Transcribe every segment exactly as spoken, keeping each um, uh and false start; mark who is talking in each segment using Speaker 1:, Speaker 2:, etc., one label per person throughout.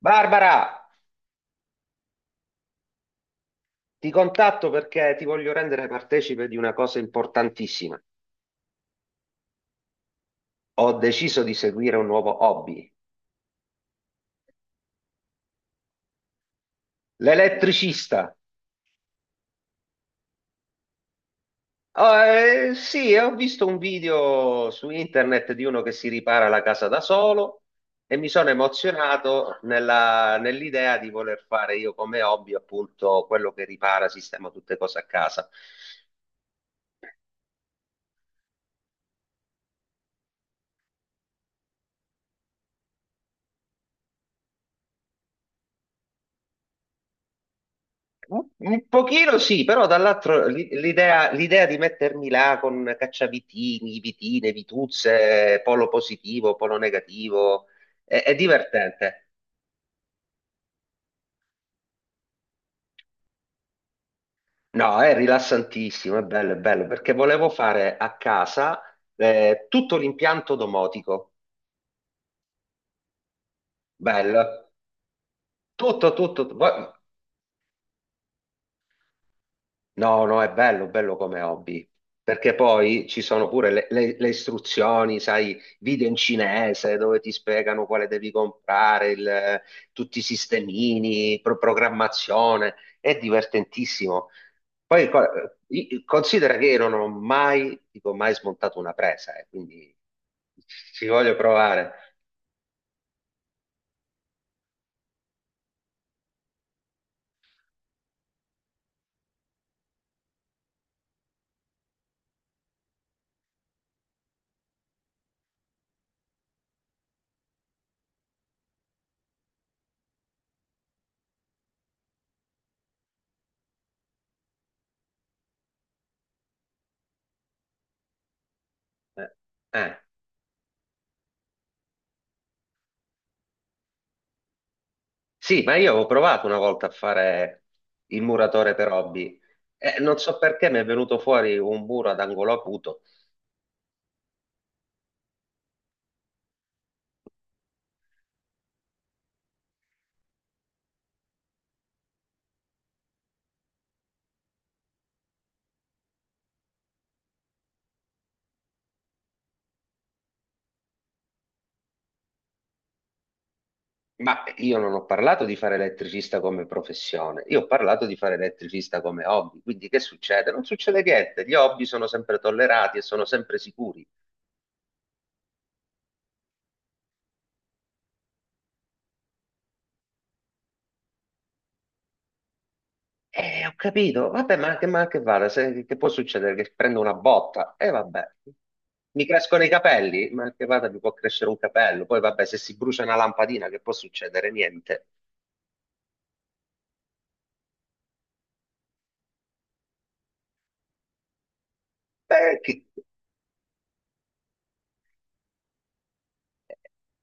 Speaker 1: Barbara, ti contatto perché ti voglio rendere partecipe di una cosa importantissima. Ho deciso di seguire un nuovo hobby, l'elettricista. Oh, eh, sì, ho visto un video su internet di uno che si ripara la casa da solo e mi sono emozionato nella- nell'idea di voler fare io come hobby appunto quello che ripara, sistema tutte cose a casa. Un pochino sì, però dall'altro l'i- l'idea l'idea di mettermi là con cacciavitini, vitine, vituzze, polo positivo, polo negativo, è, è divertente. No, è rilassantissimo, è bello, è bello, perché volevo fare a casa eh, tutto l'impianto domotico. Bello. Tutto, tutto. Voi- No, no, è bello, bello come hobby, perché poi ci sono pure le, le- le istruzioni, sai, video in cinese dove ti spiegano quale devi comprare, il- tutti i sistemini, pro- programmazione, è divertentissimo. Poi co- i- considera che io non ho mai, dico mai smontato una presa, eh, quindi ci voglio provare. Eh, eh. Sì, ma io avevo provato una volta a fare il muratore per hobby e non so perché mi è venuto fuori un muro ad angolo acuto, ma io non ho parlato di fare elettricista come professione, io ho parlato di fare elettricista come hobby, quindi che succede? Non succede niente, gli hobby sono sempre tollerati e sono sempre sicuri. E ho capito, vabbè, ma che, ma che vada, se- che può succedere che prendo una botta? E vabbè, mi crescono i capelli, ma che vada, mi può crescere un capello, poi vabbè, se si brucia una lampadina, che può succedere? Niente. Eh, chi-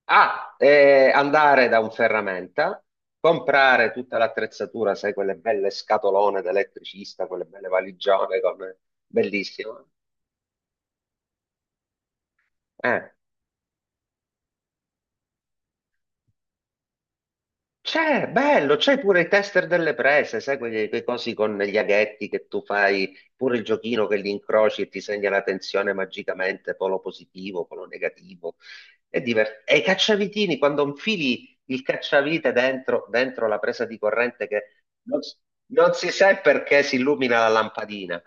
Speaker 1: Ah, eh, andare da un ferramenta, comprare tutta l'attrezzatura, sai, quelle belle scatolone da elettricista, quelle belle valigione, con bellissimo. Eh. C'è, bello, c'è pure i tester delle prese, sai, quei, quei cosi con gli aghetti che tu fai, pure il giochino che li incroci e ti segna la tensione magicamente, polo positivo, polo negativo. È diver- E i cacciavitini, quando infili il cacciavite dentro, dentro la presa di corrente che non, s- non si sa perché si illumina la lampadina.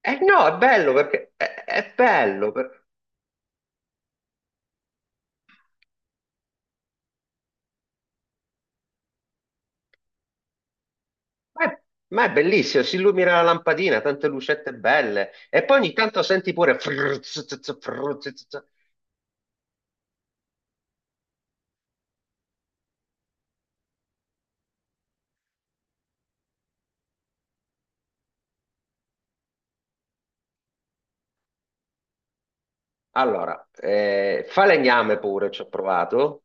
Speaker 1: Eh no, è bello perché è, è bello. Ma è, ma è bellissimo, si illumina la lampadina, tante lucette belle. E poi ogni tanto senti pure frrr, zzz, zzz, frrr, zzz, zzz. Allora, eh, falegname pure, ci ho provato.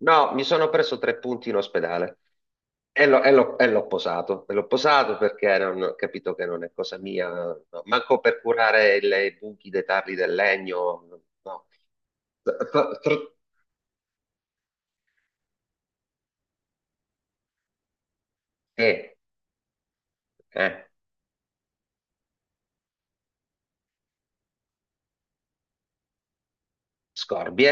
Speaker 1: No, mi sono preso tre punti in ospedale. E l'ho e l'ho- e l'ho posato, e l'ho posato perché non, ho capito che non è cosa mia, no. Manco per curare il- i buchi dei tarli del legno, no. Tr- tr- Eh, eh, scorbie.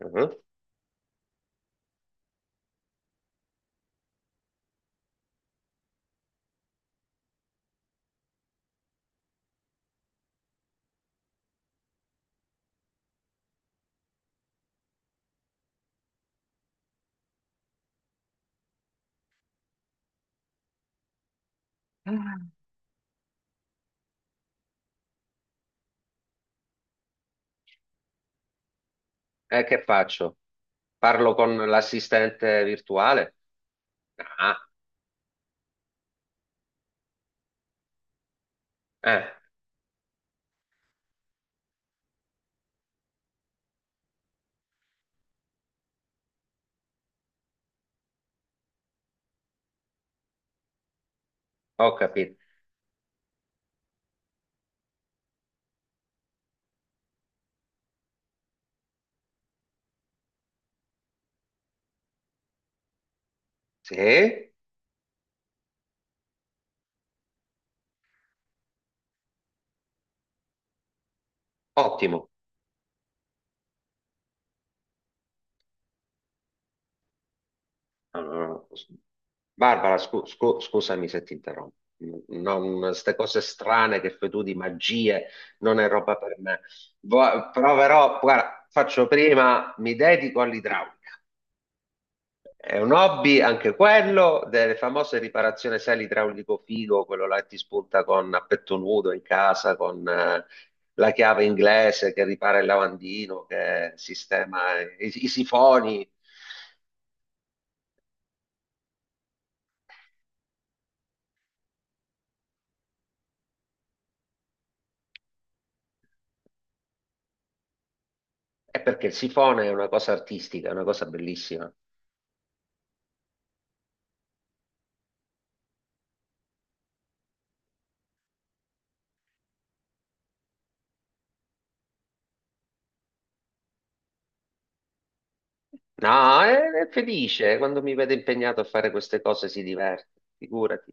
Speaker 1: Mhm. Ah. E che faccio? Parlo con l'assistente virtuale? Ah, eh, ho capito. Sì, ottimo. Allora, Barbara, scu- scu- scusami se ti interrompo. Non, queste cose strane che fai tu di magie non è roba per me. Vo- proverò, guarda, faccio prima, mi dedico all'idraulica. È un hobby anche quello delle famose riparazioni sale idraulico figo, quello là che ti spunta con a petto nudo in casa, con eh, la chiave inglese che ripara il lavandino, che sistema i, i sifoni. È perché il sifone è una cosa artistica, è una cosa bellissima. No, è, è felice quando mi vede impegnato a fare queste cose, si diverte, figurati.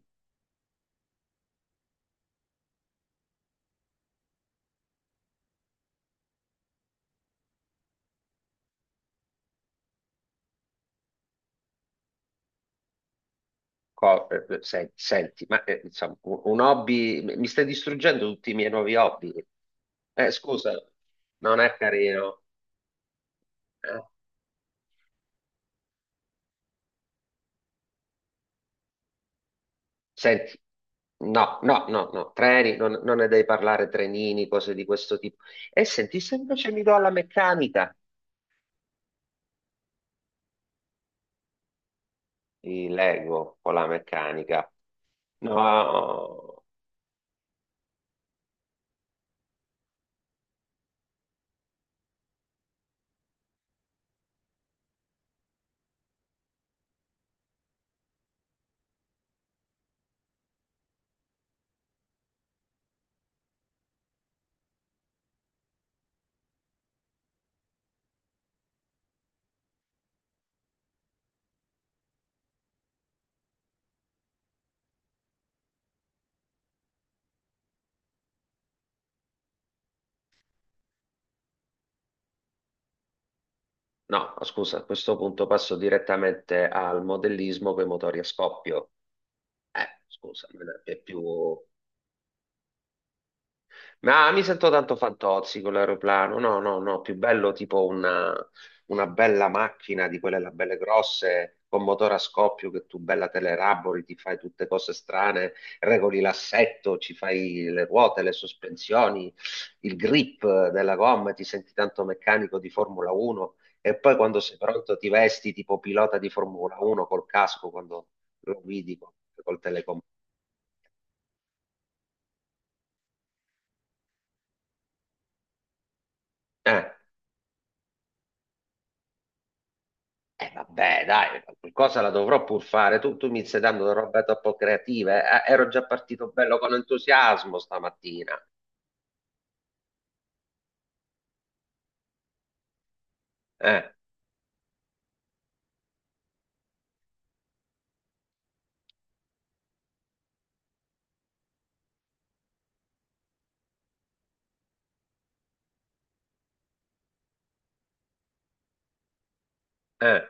Speaker 1: Co- eh, sen- Senti, ma eh, insomma, un un hobby, mi stai distruggendo tutti i miei nuovi hobby. Eh, scusa, non è carino. Eh. Senti, no, no, no, no, treni, non, non ne devi parlare, trenini, cose di questo tipo. E senti, se invece mi do alla meccanica, mi leggo con la meccanica. No, no, scusa, a questo punto passo direttamente al modellismo con i motori a scoppio. Eh, scusa, non è più. Ma mi sento tanto fantozzi con l'aeroplano. No, no, no, più bello tipo una, una bella macchina di quelle là belle grosse con motore a scoppio che tu bella te le rabori, ti fai tutte cose strane, regoli l'assetto, ci fai le ruote, le sospensioni, il grip della gomma, ti senti tanto meccanico di Formula uno e poi quando sei pronto ti vesti tipo pilota di Formula uno col casco quando lo guidi col, col telecomando. Eh, vabbè, dai, qualcosa la dovrò pur fare. Tu, tu mi stai dando una roba troppo creativa. Eh. Eh, ero già partito bello con entusiasmo stamattina. Eh, eh,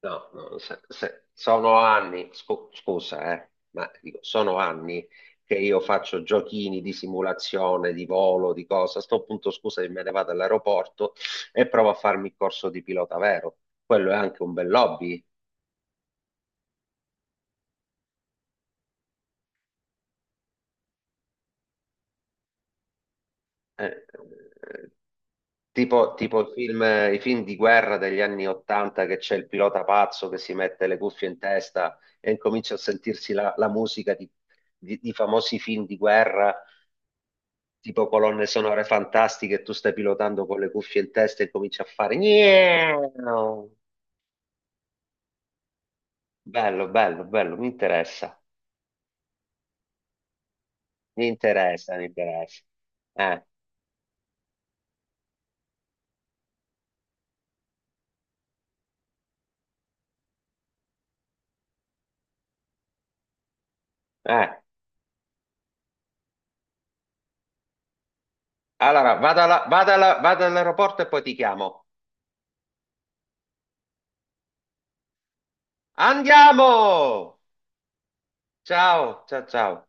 Speaker 1: no, no, se- se- sono anni, scu- scusa, eh, ma dico, sono anni che io faccio giochini di simulazione, di volo, di cosa. A sto punto, scusa, me ne vado all'aeroporto e provo a farmi il corso di pilota vero. Quello è anche un bel hobby. Eh. Eh, tipo, tipo i film, i film di guerra degli anni Ottanta che c'è il pilota pazzo che si mette le cuffie in testa e incomincia a sentirsi la, la musica di, di- di famosi film di guerra, tipo colonne sonore fantastiche, e tu stai pilotando con le cuffie in testa e cominci a fare. "Miau". Bello, bello, bello, mi interessa, mi interessa, mi interessa. Eh, eh. Allora, vado alla- vado alla- vado all'aeroporto e poi ti chiamo. Andiamo! Ciao, ciao, ciao.